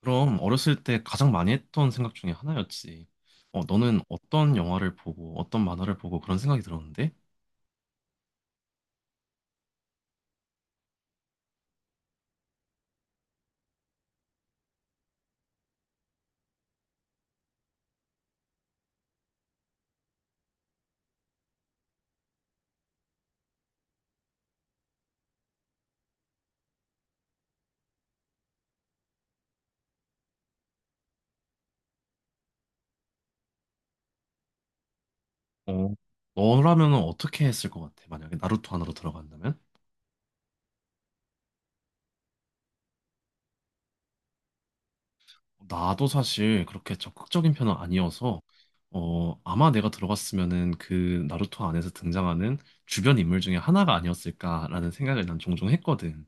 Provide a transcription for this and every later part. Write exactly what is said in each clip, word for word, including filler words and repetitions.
그럼 어렸을 때 가장 많이 했던 생각 중에 하나였지. 어, 너는 어떤 영화를 보고 어떤 만화를 보고 그런 생각이 들었는데? 어, 너라면 어떻게 했을 것 같아? 만약에 나루토 안으로 들어간다면? 나도 사실 그렇게 적극적인 편은 아니어서 어, 아마 내가 들어갔으면은 그 나루토 안에서 등장하는 주변 인물 중에 하나가 아니었을까라는 생각을 난 종종 했거든.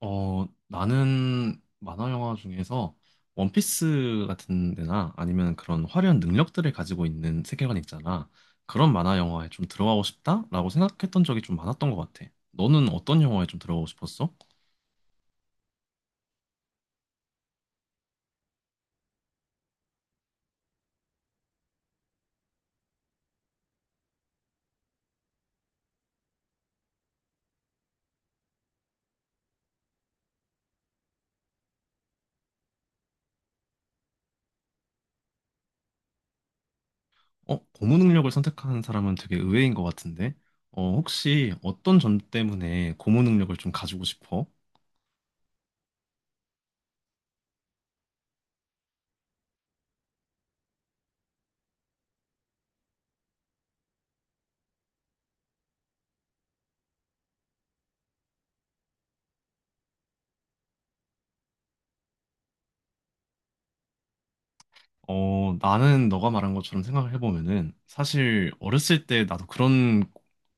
어, 나는 만화 영화 중에서 원피스 같은 데나 아니면 그런 화려한 능력들을 가지고 있는 세계관 있잖아. 그런 만화 영화에 좀 들어가고 싶다라고 생각했던 적이 좀 많았던 것 같아. 너는 어떤 영화에 좀 들어가고 싶었어? 어, 고무 능력을 선택하는 사람은 되게 의외인 것 같은데. 어, 혹시 어떤 점 때문에 고무 능력을 좀 가지고 싶어? 어, 나는 너가 말한 것처럼 생각을 해보면은 사실 어렸을 때 나도 그런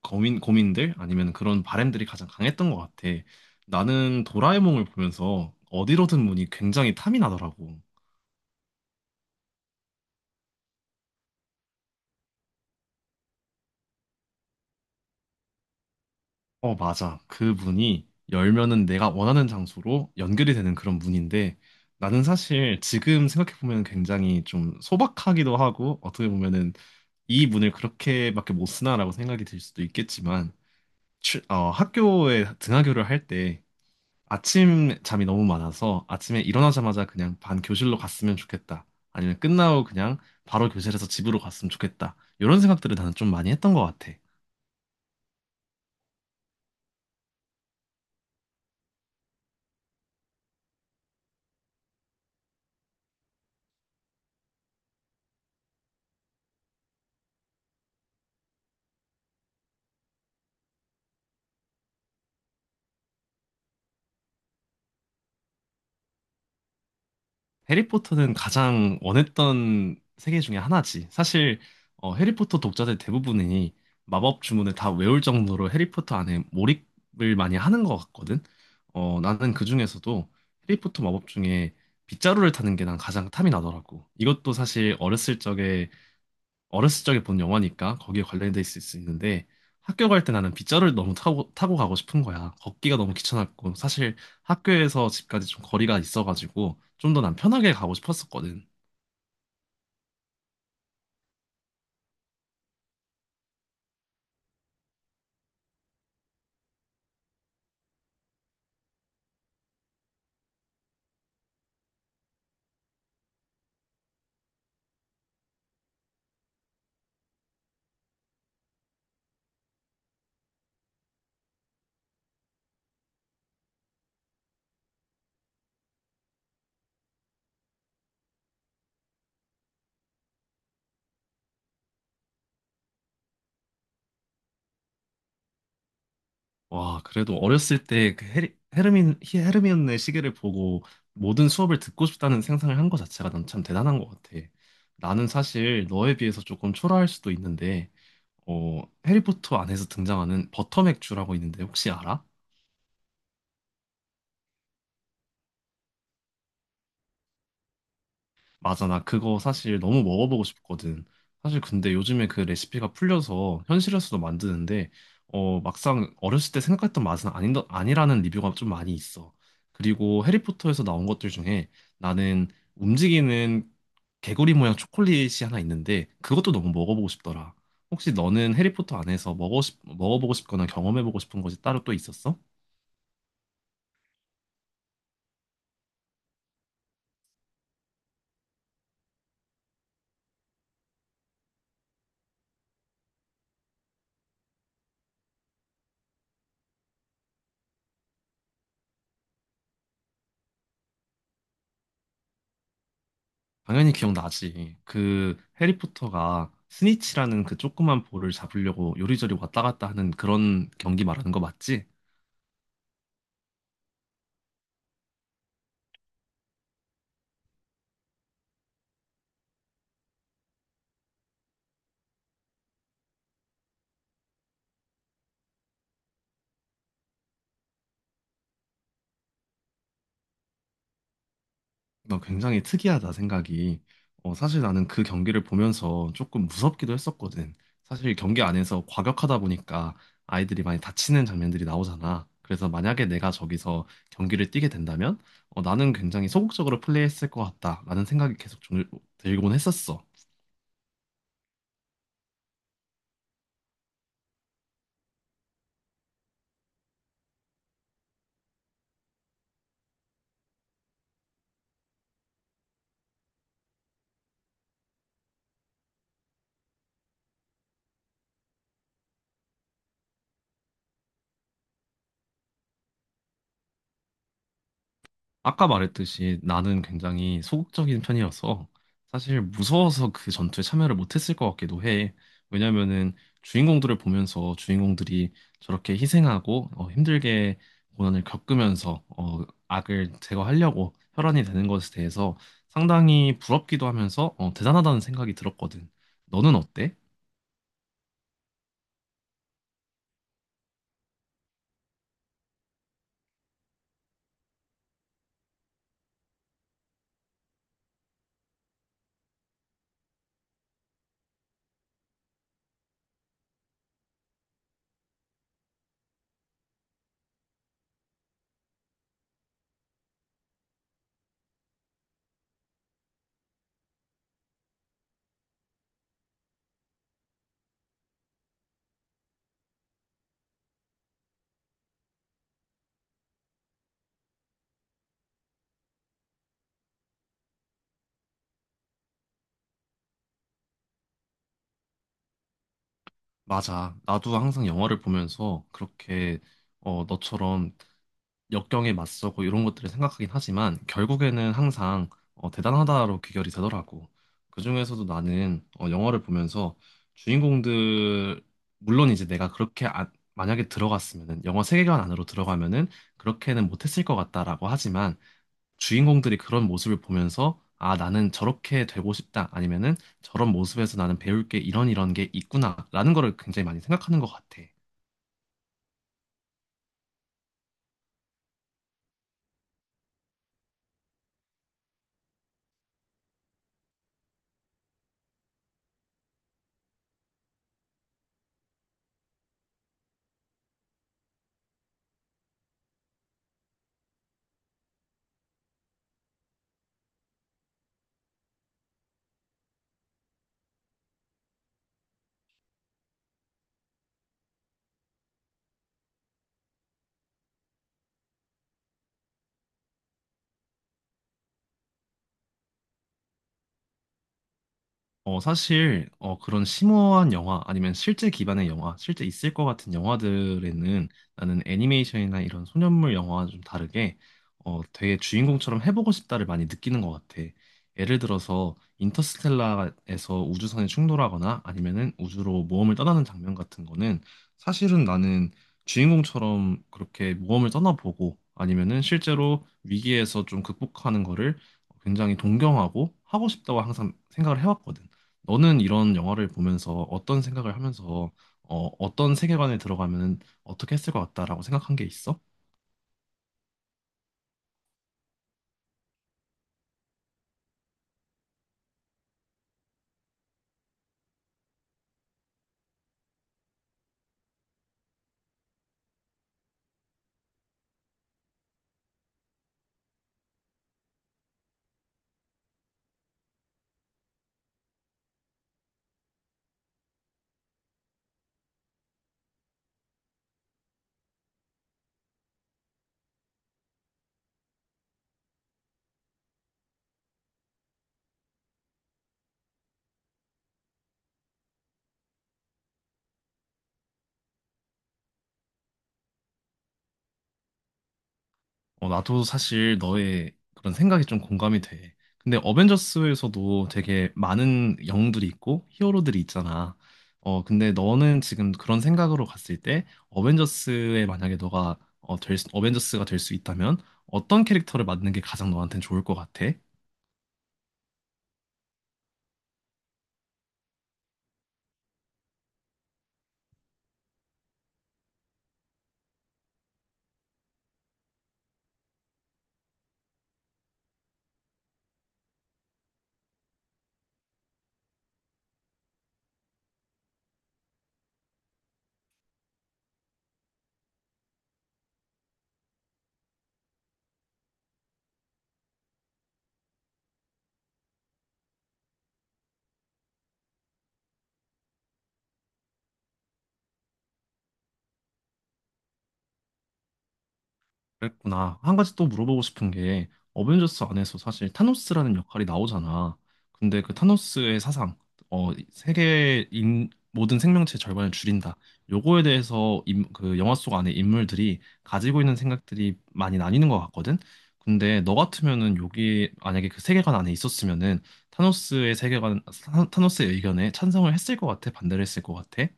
고민, 고민들 아니면 그런 바램들이 가장 강했던 것 같아. 나는 도라에몽을 보면서 어디로든 문이 굉장히 탐이 나더라고. 어, 맞아. 그 문이 열면은 내가 원하는 장소로 연결이 되는 그런 문인데 나는 사실 지금 생각해보면 굉장히 좀 소박하기도 하고 어떻게 보면은 이 문을 그렇게밖에 못 쓰나라고 생각이 들 수도 있겠지만 출- 어, 학교에 등하교를 할 때 아침 잠이 너무 많아서 아침에 일어나자마자 그냥 반 교실로 갔으면 좋겠다. 아니면 끝나고 그냥 바로 교실에서 집으로 갔으면 좋겠다. 이런 생각들을 나는 좀 많이 했던 것 같아. 해리포터는 가장 원했던 세계 중에 하나지. 사실 어, 해리포터 독자들 대부분이 마법 주문을 다 외울 정도로 해리포터 안에 몰입을 많이 하는 것 같거든. 어, 나는 그 중에서도 해리포터 마법 중에 빗자루를 타는 게 난 가장 탐이 나더라고. 이것도 사실 어렸을 적에 어렸을 적에 본 영화니까 거기에 관련돼 있을 수 있는데 학교 갈 때 나는 빗자루를 너무 타고, 타고 가고 싶은 거야. 걷기가 너무 귀찮았고 사실 학교에서 집까지 좀 거리가 있어가지고 좀 더 난 편하게 가고 싶었었거든. 와, 그래도 어렸을 때 그 헤리, 헤르민, 히- 헤르미온의 시계를 보고 모든 수업을 듣고 싶다는 생각을 한 것 자체가 난 참 대단한 것 같아. 나는 사실 너에 비해서 조금 초라할 수도 있는데 어, 해리포터 안에서 등장하는 버터맥주라고 있는데 혹시 알아? 맞아, 나 그거 사실 너무 먹어보고 싶거든. 사실 근데 요즘에 그 레시피가 풀려서 현실에서도 만드는데, 어, 막상 어렸을 때 생각했던 맛은 아닌, 아니라는 리뷰가 좀 많이 있어. 그리고 해리포터에서 나온 것들 중에 나는 움직이는 개구리 모양 초콜릿이 하나 있는데, 그것도 너무 먹어보고 싶더라. 혹시 너는 해리포터 안에서 먹어 싶, 먹어보고 싶거나 경험해보고 싶은 것이 따로 또 있었어? 당연히 기억나지. 그 해리포터가 스니치라는 그 조그만 볼을 잡으려고 요리조리 왔다 갔다 하는 그런 경기 말하는 거 맞지? 나 굉장히 특이하다 생각이. 어, 사실 나는 그 경기를 보면서 조금 무섭기도 했었거든. 사실 경기 안에서 과격하다 보니까 아이들이 많이 다치는 장면들이 나오잖아. 그래서 만약에 내가 저기서 경기를 뛰게 된다면 어, 나는 굉장히 소극적으로 플레이했을 것 같다라는 생각이 계속 종- 들곤 했었어. 아까 말했듯이 나는 굉장히 소극적인 편이어서 사실 무서워서 그 전투에 참여를 못했을 것 같기도 해. 왜냐면은 주인공들을 보면서 주인공들이 저렇게 희생하고 어, 힘들게 고난을 겪으면서 어, 악을 제거하려고 혈안이 되는 것에 대해서 상당히 부럽기도 하면서 어, 대단하다는 생각이 들었거든. 너는 어때? 맞아. 나도 항상 영화를 보면서 그렇게 어, 너처럼 역경에 맞서고 이런 것들을 생각하긴 하지만 결국에는 항상 어, 대단하다로 귀결이 되더라고. 그중에서도 나는 어, 영화를 보면서 주인공들 물론 이제 내가 그렇게 안- 만약에 들어갔으면은 영화 세계관 안으로 들어가면은 그렇게는 못했을 것 같다라고 하지만 주인공들이 그런 모습을 보면서 아 나는 저렇게 되고 싶다 아니면은 저런 모습에서 나는 배울 게 이런 이런 게 있구나라는 거를 굉장히 많이 생각하는 것 같아. 어, 사실, 어, 그런 심오한 영화, 아니면 실제 기반의 영화, 실제 있을 것 같은 영화들에는 나는 애니메이션이나 이런 소년물 영화와 좀 다르게, 어, 되게 주인공처럼 해보고 싶다를 많이 느끼는 것 같아. 예를 들어서, 인터스텔라에서 우주선에 충돌하거나 아니면은 우주로 모험을 떠나는 장면 같은 거는 사실은 나는 주인공처럼 그렇게 모험을 떠나보고 아니면은 실제로 위기에서 좀 극복하는 거를 굉장히 동경하고 하고 싶다고 항상 생각을 해왔거든. 너는 이런 영화를 보면서 어떤 생각을 하면서 어, 어떤 세계관에 들어가면 어떻게 했을 것 같다라고 생각한 게 있어? 어, 나도 사실 너의 그런 생각이 좀 공감이 돼. 근데 어벤져스에서도 되게 많은 영웅들이 있고 히어로들이 있잖아. 어, 근데 너는 지금 그런 생각으로 갔을 때 어벤져스에 만약에 너가 어, 벤져스가 될 수 있다면 어떤 캐릭터를 맡는 게 가장 너한테는 좋을 것 같아? 그랬구나. 한 가지 또 물어보고 싶은 게 어벤져스 안에서 사실 타노스라는 역할이 나오잖아. 근데 그 타노스의 사상, 어, 세계 인 모든 생명체 절반을 줄인다. 요거에 대해서 인- 그 영화 속 안에 인물들이 가지고 있는 생각들이 많이 나뉘는 것 같거든. 근데 너 같으면은 여기 만약에 그 세계관 안에 있었으면은 타노스의 세계관, 타- 타노스의 의견에 찬성을 했을 것 같아? 반대를 했을 것 같아?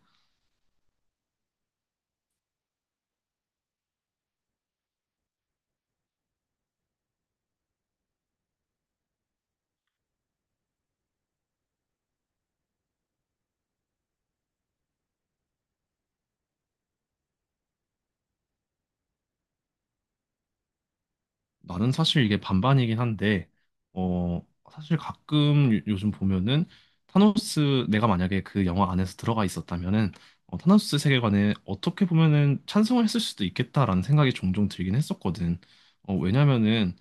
나는 사실 이게 반반이긴 한데, 어, 사실 가끔 요- 요즘 보면은 타노스, 내가 만약에 그 영화 안에서 들어가 있었다면은, 어, 타노스 세계관에 어떻게 보면은 찬성을 했을 수도 있겠다라는 생각이 종종 들긴 했었거든. 어, 왜냐면은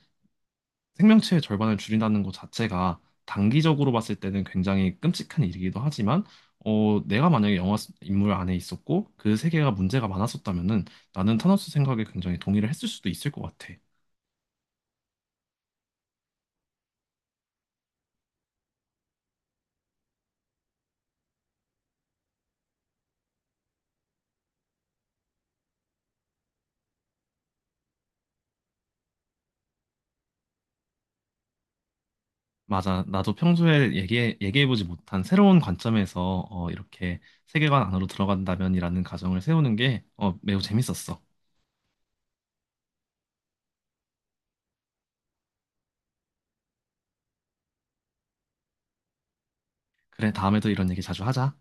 생명체의 절반을 줄인다는 것 자체가 단기적으로 봤을 때는 굉장히 끔찍한 일이기도 하지만, 어, 내가 만약에 영화 스- 인물 안에 있었고 그 세계가 문제가 많았었다면은 나는 타노스 생각에 굉장히 동의를 했을 수도 있을 것 같아. 맞아. 나도 평소에 얘기해, 얘기해보지 못한 새로운 관점에서 어, 이렇게 세계관 안으로 들어간다면이라는 가정을 세우는 게 어, 매우 재밌었어. 그래, 다음에도 이런 얘기 자주 하자.